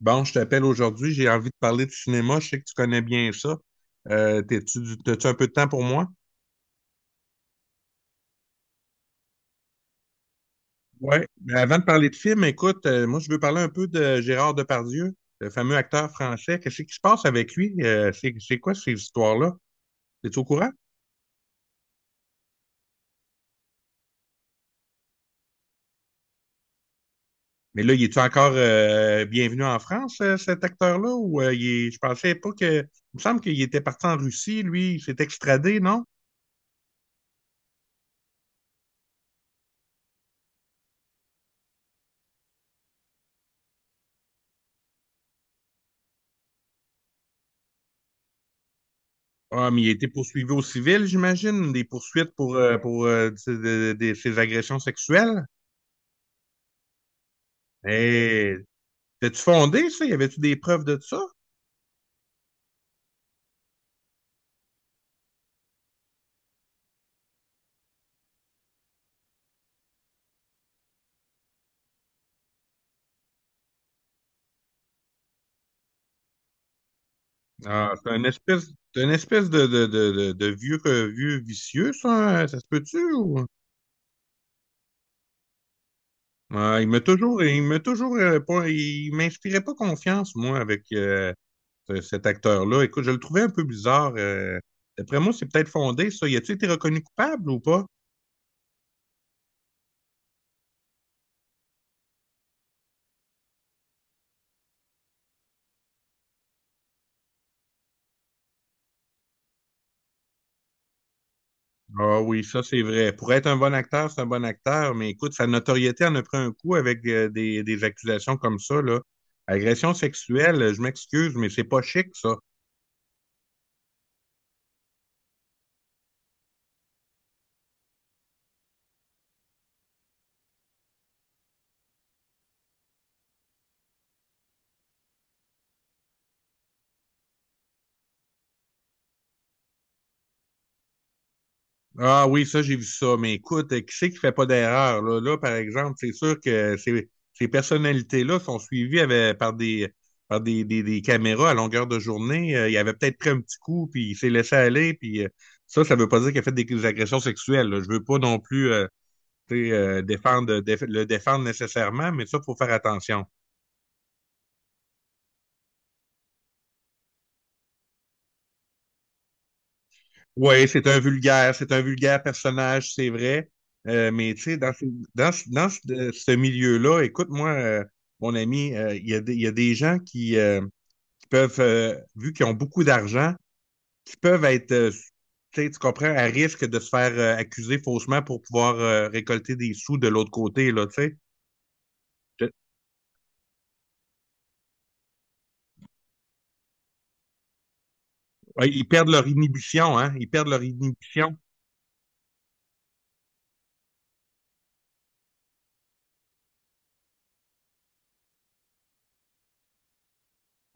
Bon, je t'appelle aujourd'hui, j'ai envie de parler de cinéma. Je sais que tu connais bien ça. T'as-tu un peu de temps pour moi? Oui. Mais avant de parler de film, écoute, moi, je veux parler un peu de Gérard Depardieu, le fameux acteur français. Qu'est-ce qui se passe avec lui? C'est quoi ces histoires-là? Es-tu au courant? Mais là, il est encore bienvenu en France, cet acteur-là? Je pensais pas que. Il me semble qu'il était parti en Russie, lui, il s'est extradé, non? Ah, mais il a été poursuivi au civil, j'imagine, des poursuites pour ses agressions sexuelles. Et t'as-tu fondé ça? Y avait-tu des preuves de ça? Ah, c'est une espèce de vieux, vieux vicieux, ça, hein? Ça se peut-tu? Ou- ah, il m'inspirait pas confiance, moi, avec cet acteur-là. Écoute, je le trouvais un peu bizarre. D'après moi, c'est peut-être fondé, ça. Y a-tu été reconnu coupable ou pas? Ah oui, ça c'est vrai. Pour être un bon acteur, c'est un bon acteur, mais écoute, sa notoriété en a pris un coup avec des accusations comme ça, là. Agression sexuelle, je m'excuse, mais c'est pas chic, ça. Ah oui, ça, j'ai vu ça, mais écoute, qui c'est qui fait pas d'erreur, là? Là, par exemple, c'est sûr que ces personnalités-là sont suivies par des des, caméras à longueur de journée. Il avait peut-être pris un petit coup, puis il s'est laissé aller, puis ça veut pas dire qu'il a fait des agressions sexuelles, là. Je veux pas non plus défendre, déf le défendre nécessairement, mais ça, il faut faire attention. Oui, c'est un vulgaire personnage, c'est vrai. Mais tu sais, dans ce milieu-là, écoute-moi, mon ami, il y a des gens qui peuvent, vu qu'ils ont beaucoup d'argent, qui peuvent être, tu sais, tu comprends, à risque de se faire accuser faussement pour pouvoir récolter des sous de l'autre côté, là, tu sais. Je- ouais, ils perdent leur inhibition, hein? Ils perdent leur inhibition.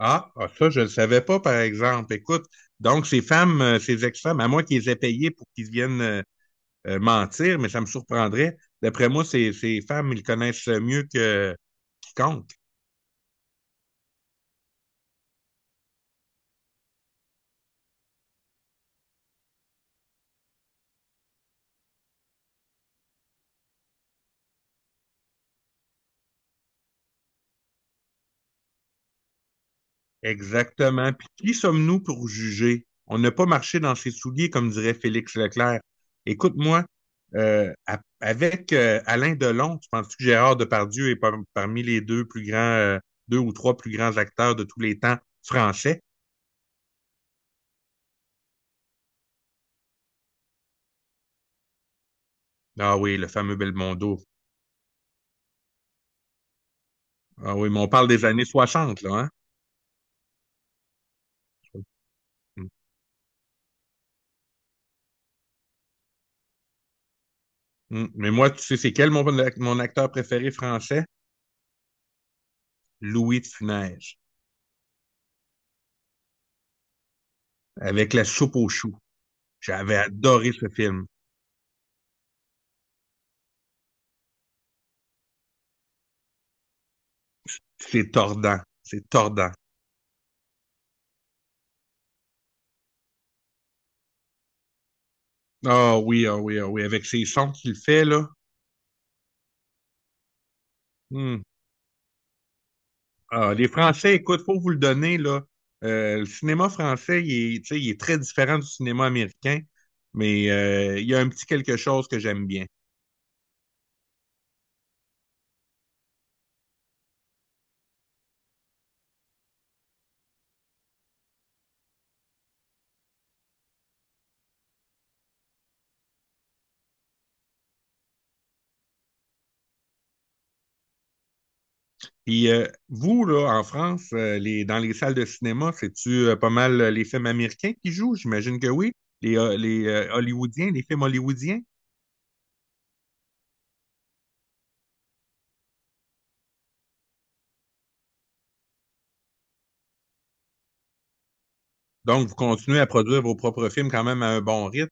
Ah, ah, ça, je ne le savais pas, par exemple. Écoute, donc ces femmes, ces ex-femmes, à moins qu'ils les aient payées pour qu'ils viennent mentir, mais ça me surprendrait. D'après moi, ces femmes, ils connaissent mieux que quiconque. Exactement. Puis qui sommes-nous pour juger? On n'a pas marché dans ses souliers, comme dirait Félix Leclerc. Écoute-moi, avec Alain Delon, tu penses que Gérard Depardieu est parmi les deux plus grands, deux ou trois plus grands acteurs de tous les temps français? Ah oui, le fameux Belmondo. Ah oui, mais on parle des années 60 là, hein? Mm. Mais moi, tu sais, c'est quel mon acteur préféré français? Louis de Funès, avec la soupe aux choux. J'avais adoré ce film. C'est tordant. C'est tordant. Ah oui, ah oui, ah oui. Avec ces sons qu'il fait, là. Hmm. Ah, les Français, écoute, faut vous le donner, là. Le cinéma français, il est, tu sais, il est très différent du cinéma américain, mais il y a un petit quelque chose que j'aime bien. Puis vous, là, en France, dans les salles de cinéma, c'est-tu pas mal les films américains qui jouent? J'imagine que oui. Les Hollywoodiens, les films hollywoodiens. Donc, vous continuez à produire vos propres films quand même à un bon rythme.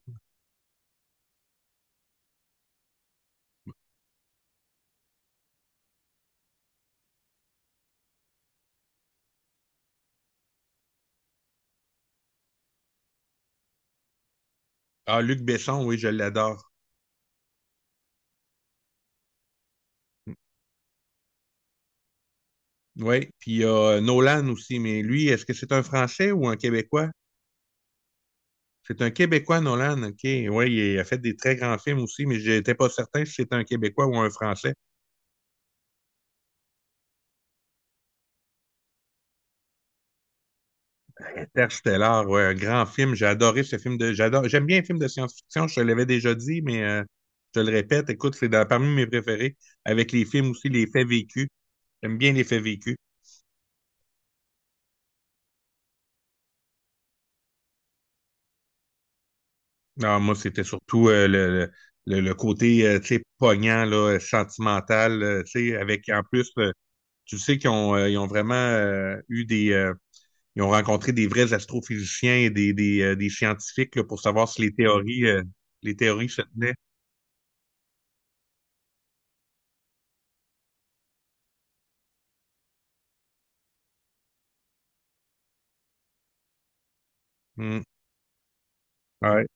Ah, Luc Besson, oui, je l'adore. Oui. Puis il y a Nolan aussi, mais lui, est-ce que c'est un Français ou un Québécois? C'est un Québécois, Nolan, OK. Oui, il a fait des très grands films aussi, mais j'étais pas certain si c'était un Québécois ou un Français. Interstellar, ouais, un grand film. J'ai adoré ce film de. J'adore. J'aime bien les films de science-fiction. Je te l'avais déjà dit, mais je te le répète. Écoute, c'est dans- parmi mes préférés. Avec les films aussi, les faits vécus. J'aime bien les faits vécus. Non, moi, c'était surtout euh, le côté, tu sais, poignant, là, sentimental, tu sais, avec en plus, tu sais qu'ils ont, ils ont vraiment eu des. Ils ont rencontré des vrais astrophysiciens et des scientifiques là, pour savoir si les théories, les théories se tenaient. Mm. Ouais.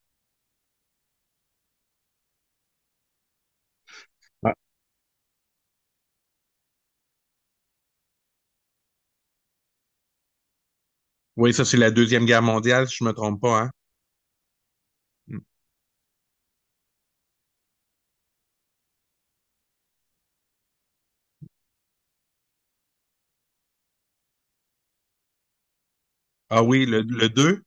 Oui, ça, c'est la Deuxième Guerre mondiale, si je me trompe pas, hein? Mm. Ah oui, le deux.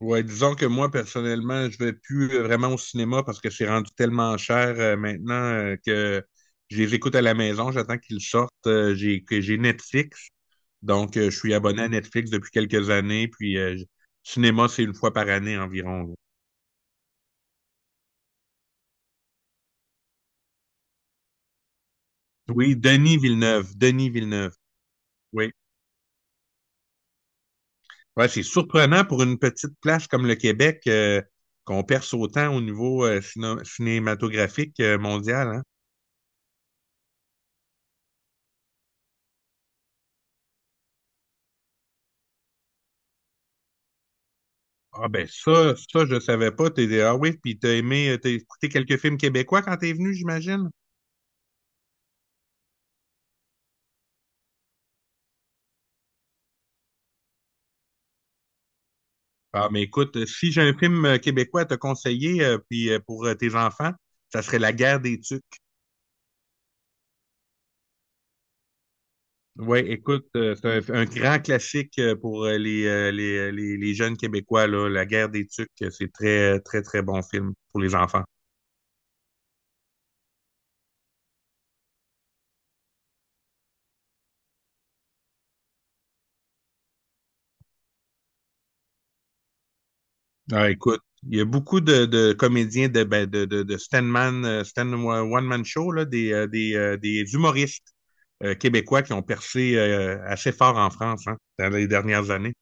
Ouais, disons que moi, personnellement, je vais plus vraiment au cinéma parce que c'est rendu tellement cher maintenant que je les écoute à la maison, j'attends qu'ils sortent. Que j'ai Netflix, donc je suis abonné à Netflix depuis quelques années, cinéma, c'est une fois par année environ. Oui, Denis Villeneuve, Denis Villeneuve. Oui. Ouais, c'est surprenant pour une petite place comme le Québec qu'on perce autant au niveau cinématographique mondial. Hein. Ah ben ça je savais pas. T'es ah oui, puis t'as aimé, t'as écouté quelques films québécois quand t'es venu, j'imagine. Ah mais écoute, si j'ai un film québécois à te conseiller, puis pour tes enfants, ça serait La Guerre des Tucs. Ouais, écoute, c'est un grand classique pour les jeunes Québécois là, La Guerre des Tucs. Euh, c'est très très très bon film pour les enfants. Ah, écoute, il y a beaucoup de comédiens de, ben, de Stanman, Stan One Man Show, là, des humoristes québécois qui ont percé assez fort en France hein, dans les dernières années.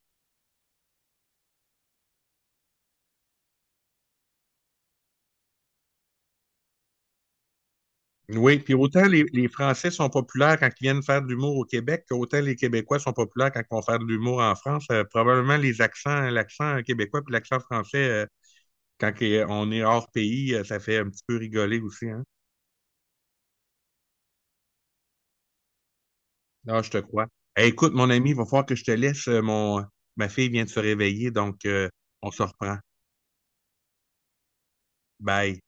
Oui, puis autant les Français sont populaires quand ils viennent faire de l'humour au Québec, qu'autant les Québécois sont populaires quand ils vont faire de l'humour en France. Probablement les accents, l'accent québécois puis l'accent français, on est hors pays, ça fait un petit peu rigoler aussi. Hein. Non, je te crois. Eh, écoute, mon ami, il va falloir que je te laisse. Euh, mon... Ma fille vient de se réveiller, donc on se reprend. Bye.